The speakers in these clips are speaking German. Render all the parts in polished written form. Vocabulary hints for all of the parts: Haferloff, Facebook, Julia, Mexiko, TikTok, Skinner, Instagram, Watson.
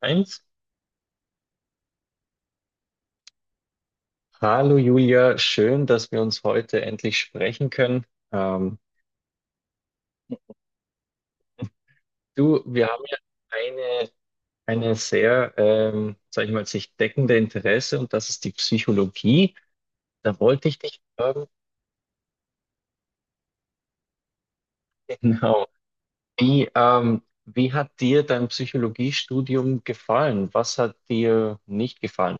Eins. Hallo Julia, schön, dass wir uns heute endlich sprechen können. Ähm, Du, wir haben ja eine, eine sehr, sag ich mal, sich deckende Interesse, und das ist die Psychologie. Da wollte ich dich fragen, genau, wie hat dir dein Psychologiestudium gefallen? Was hat dir nicht gefallen?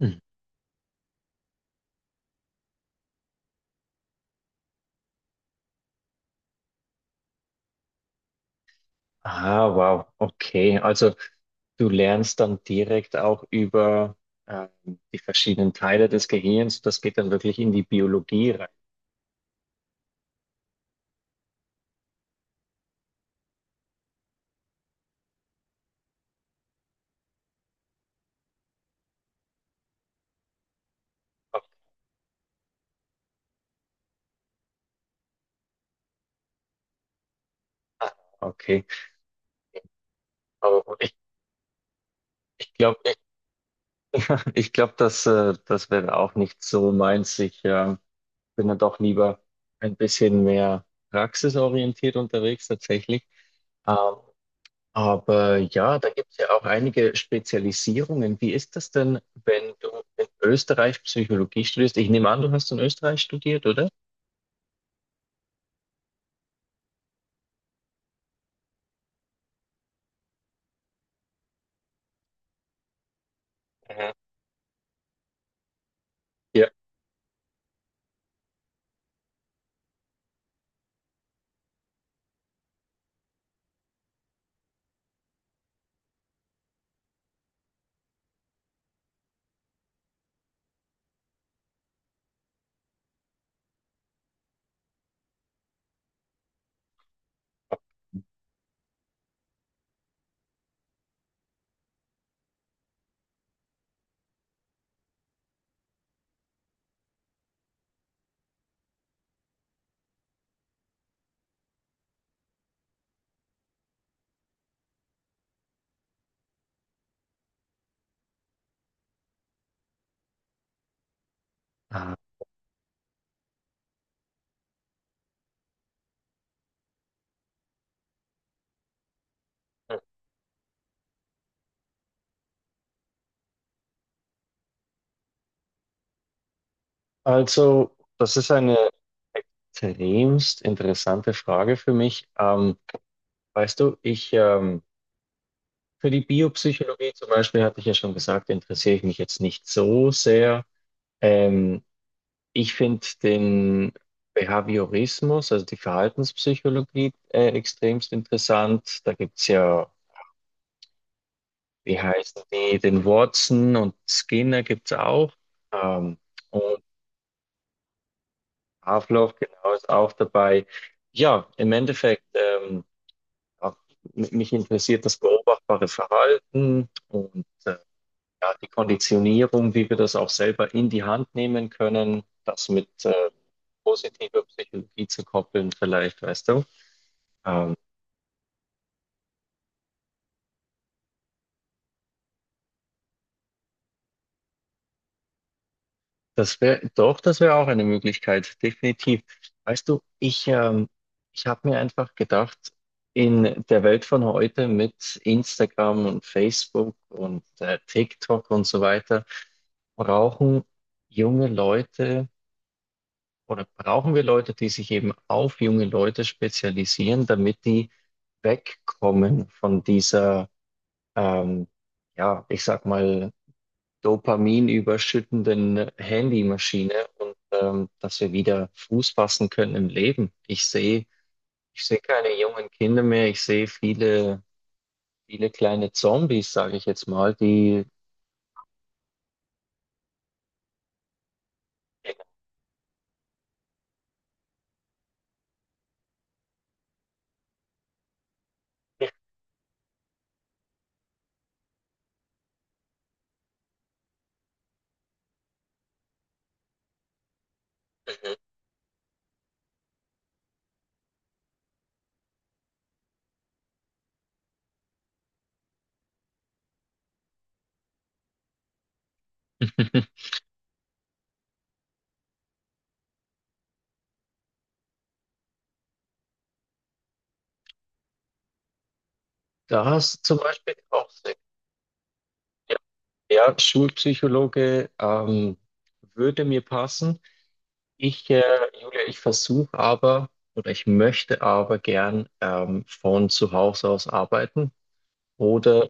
Mhm. Ah, wow, okay. Also du lernst dann direkt auch über ähm, die verschiedenen Teile des Gehirns. Das geht dann wirklich in die Biologie rein. Ah, okay, aber gut, ich glaube, das wäre auch nicht so meins. Ich bin dann doch lieber ein bisschen mehr praxisorientiert unterwegs tatsächlich. Ähm, aber ja, da gibt es ja auch einige Spezialisierungen. Wie ist das denn, wenn du in Österreich Psychologie studierst? Ich nehme an, du hast in Österreich studiert, oder? Mhm. Ja. Also, das ist eine extremst interessante Frage für mich. Weißt du, ich, für die Biopsychologie zum Beispiel hatte ich ja schon gesagt, interessiere ich mich jetzt nicht so sehr. Ähm, Ich finde den Behaviorismus, also die Verhaltenspsychologie, extremst interessant. Da gibt es ja, wie heißen die, den Watson, und Skinner gibt es auch. Ähm, und Haferloff, genau, ist auch dabei. Ja, im Endeffekt, ja, mich interessiert das beobachtbare Verhalten und ja, die Konditionierung, wie wir das auch selber in die Hand nehmen können, das mit positiver Psychologie zu koppeln, vielleicht, weißt du. Ähm, Das wäre, doch, das wäre auch eine Möglichkeit, definitiv. Weißt du, ich habe mir einfach gedacht, in der Welt von heute mit Instagram und Facebook und TikTok und so weiter, brauchen junge Leute, oder brauchen wir Leute, die sich eben auf junge Leute spezialisieren, damit die wegkommen von dieser, ähm, ja, ich sag mal, Dopamin überschüttenden Handymaschine, und dass wir wieder Fuß fassen können im Leben. Ich sehe keine jungen Kinder mehr, ich sehe viele, viele kleine Zombies, sage ich jetzt mal, die da hast du zum Beispiel auch Sinn. Ja, ja, Schulpsychologe würde mir passen. Ich, äh, Julia, ich versuche aber, oder ich möchte aber gern von zu Hause aus arbeiten. Oder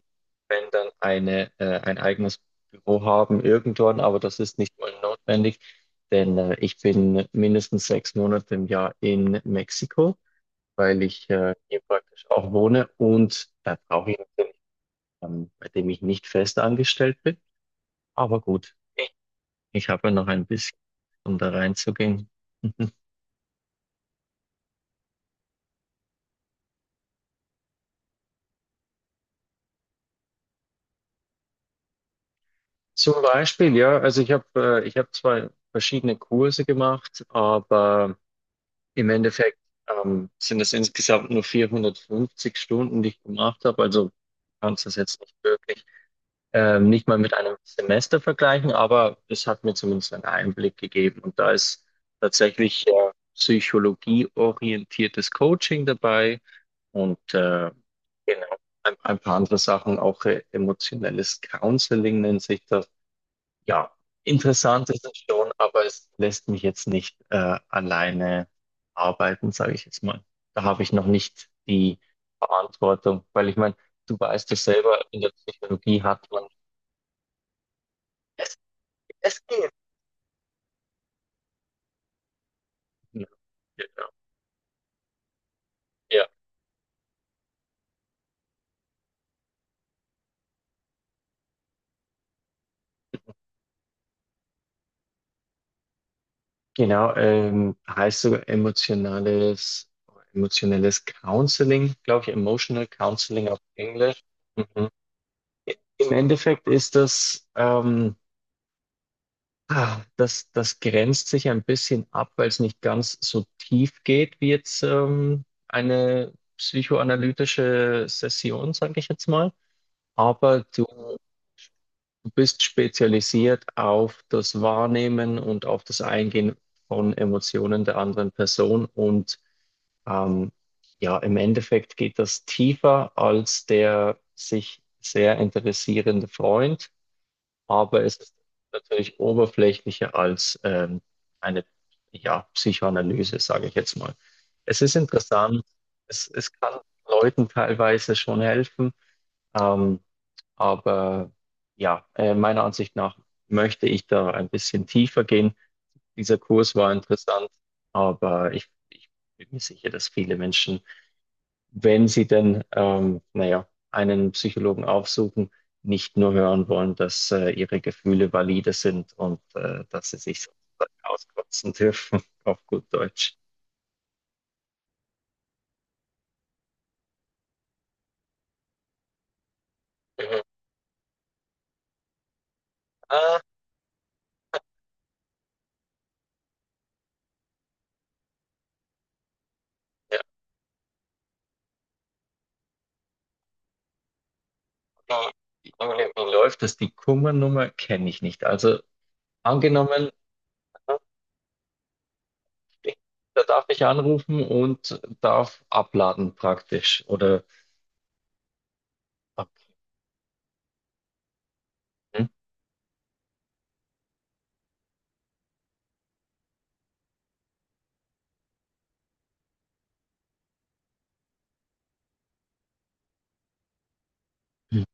wenn dann ein eigenes Büro haben irgendwann, aber das ist nicht mal notwendig, denn ich bin mindestens 6 Monate im Jahr in Mexiko, weil ich hier praktisch auch wohne, und da brauche ich natürlich, bei dem ich nicht fest angestellt bin. Aber gut, ich habe ja noch ein bisschen, um da reinzugehen. Zum Beispiel, ja, also ich habe 2 verschiedene Kurse gemacht, aber im Endeffekt sind es insgesamt nur 450 Stunden, die ich gemacht habe. Also du kannst das jetzt nicht wirklich, nicht mal mit einem Semester vergleichen, aber es hat mir zumindest einen Einblick gegeben. Und da ist tatsächlich psychologieorientiertes Coaching dabei und genau, ein paar andere Sachen, auch emotionelles Counseling nennt sich das. Ja, interessant ist es schon, aber es lässt mich jetzt nicht alleine arbeiten, sage ich jetzt mal. Da habe ich noch nicht die Verantwortung, weil ich meine, du weißt es selber, in der Psychologie hat man, es, es geht. Ja, genau. Ja. Genau, heißt sogar emotionelles Counseling, glaube ich, Emotional Counseling auf Englisch. Mhm. Im Endeffekt ist das, ah, das, das grenzt sich ein bisschen ab, weil es nicht ganz so tief geht wie jetzt eine psychoanalytische Session, sage ich jetzt mal. Aber du bist spezialisiert auf das Wahrnehmen und auf das Eingehen von Emotionen der anderen Person. Und ähm, ja, im Endeffekt geht das tiefer als der sich sehr interessierende Freund, aber es ist natürlich oberflächlicher als eine ja, Psychoanalyse, sage ich jetzt mal. Es ist interessant, es kann Leuten teilweise schon helfen, ähm, aber ja, meiner Ansicht nach möchte ich da ein bisschen tiefer gehen. Dieser Kurs war interessant, aber ich bin mir sicher, dass viele Menschen, wenn sie denn, naja, einen Psychologen aufsuchen, nicht nur hören wollen, dass ihre Gefühle valide sind, und dass sie sich sozusagen auskotzen dürfen, auf gut Deutsch. Mhm. Ah, ja, wie, wie, wie läuft das? Die Kummernummer kenne ich nicht. Also angenommen, da darf ich anrufen und darf abladen praktisch. Oder ab- Mhm. Mhm.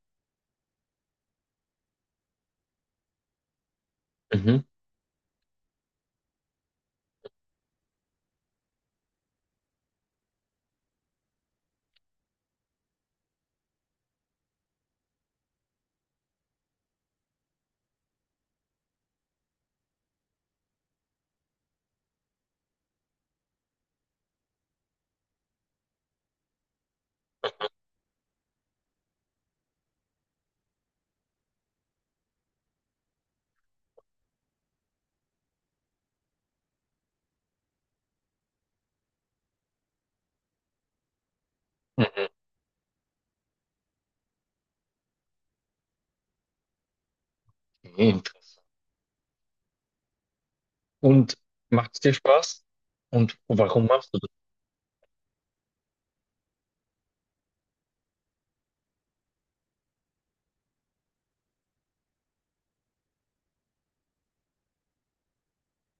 Mhm. Okay, interessant. Und macht es dir Spaß? Und warum machst du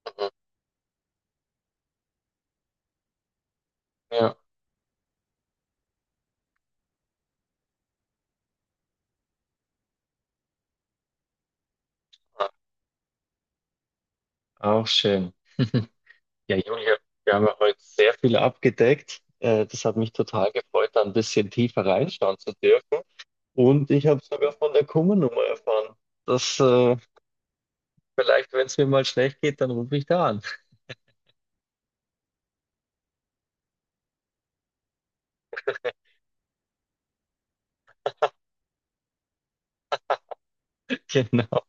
Mhm. Ja, auch schön. Ja, Julia, wir haben ja heute sehr viel abgedeckt. Das hat mich total gefreut, da ein bisschen tiefer reinschauen zu dürfen. Und ich habe sogar von der Kummernummer erfahren. Das, vielleicht, wenn es mir mal schlecht geht, dann rufe ich da an. Genau.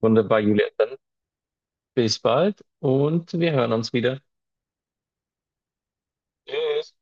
Wunderbar, Julia. Dann bis bald, und wir hören uns wieder. Tschüss.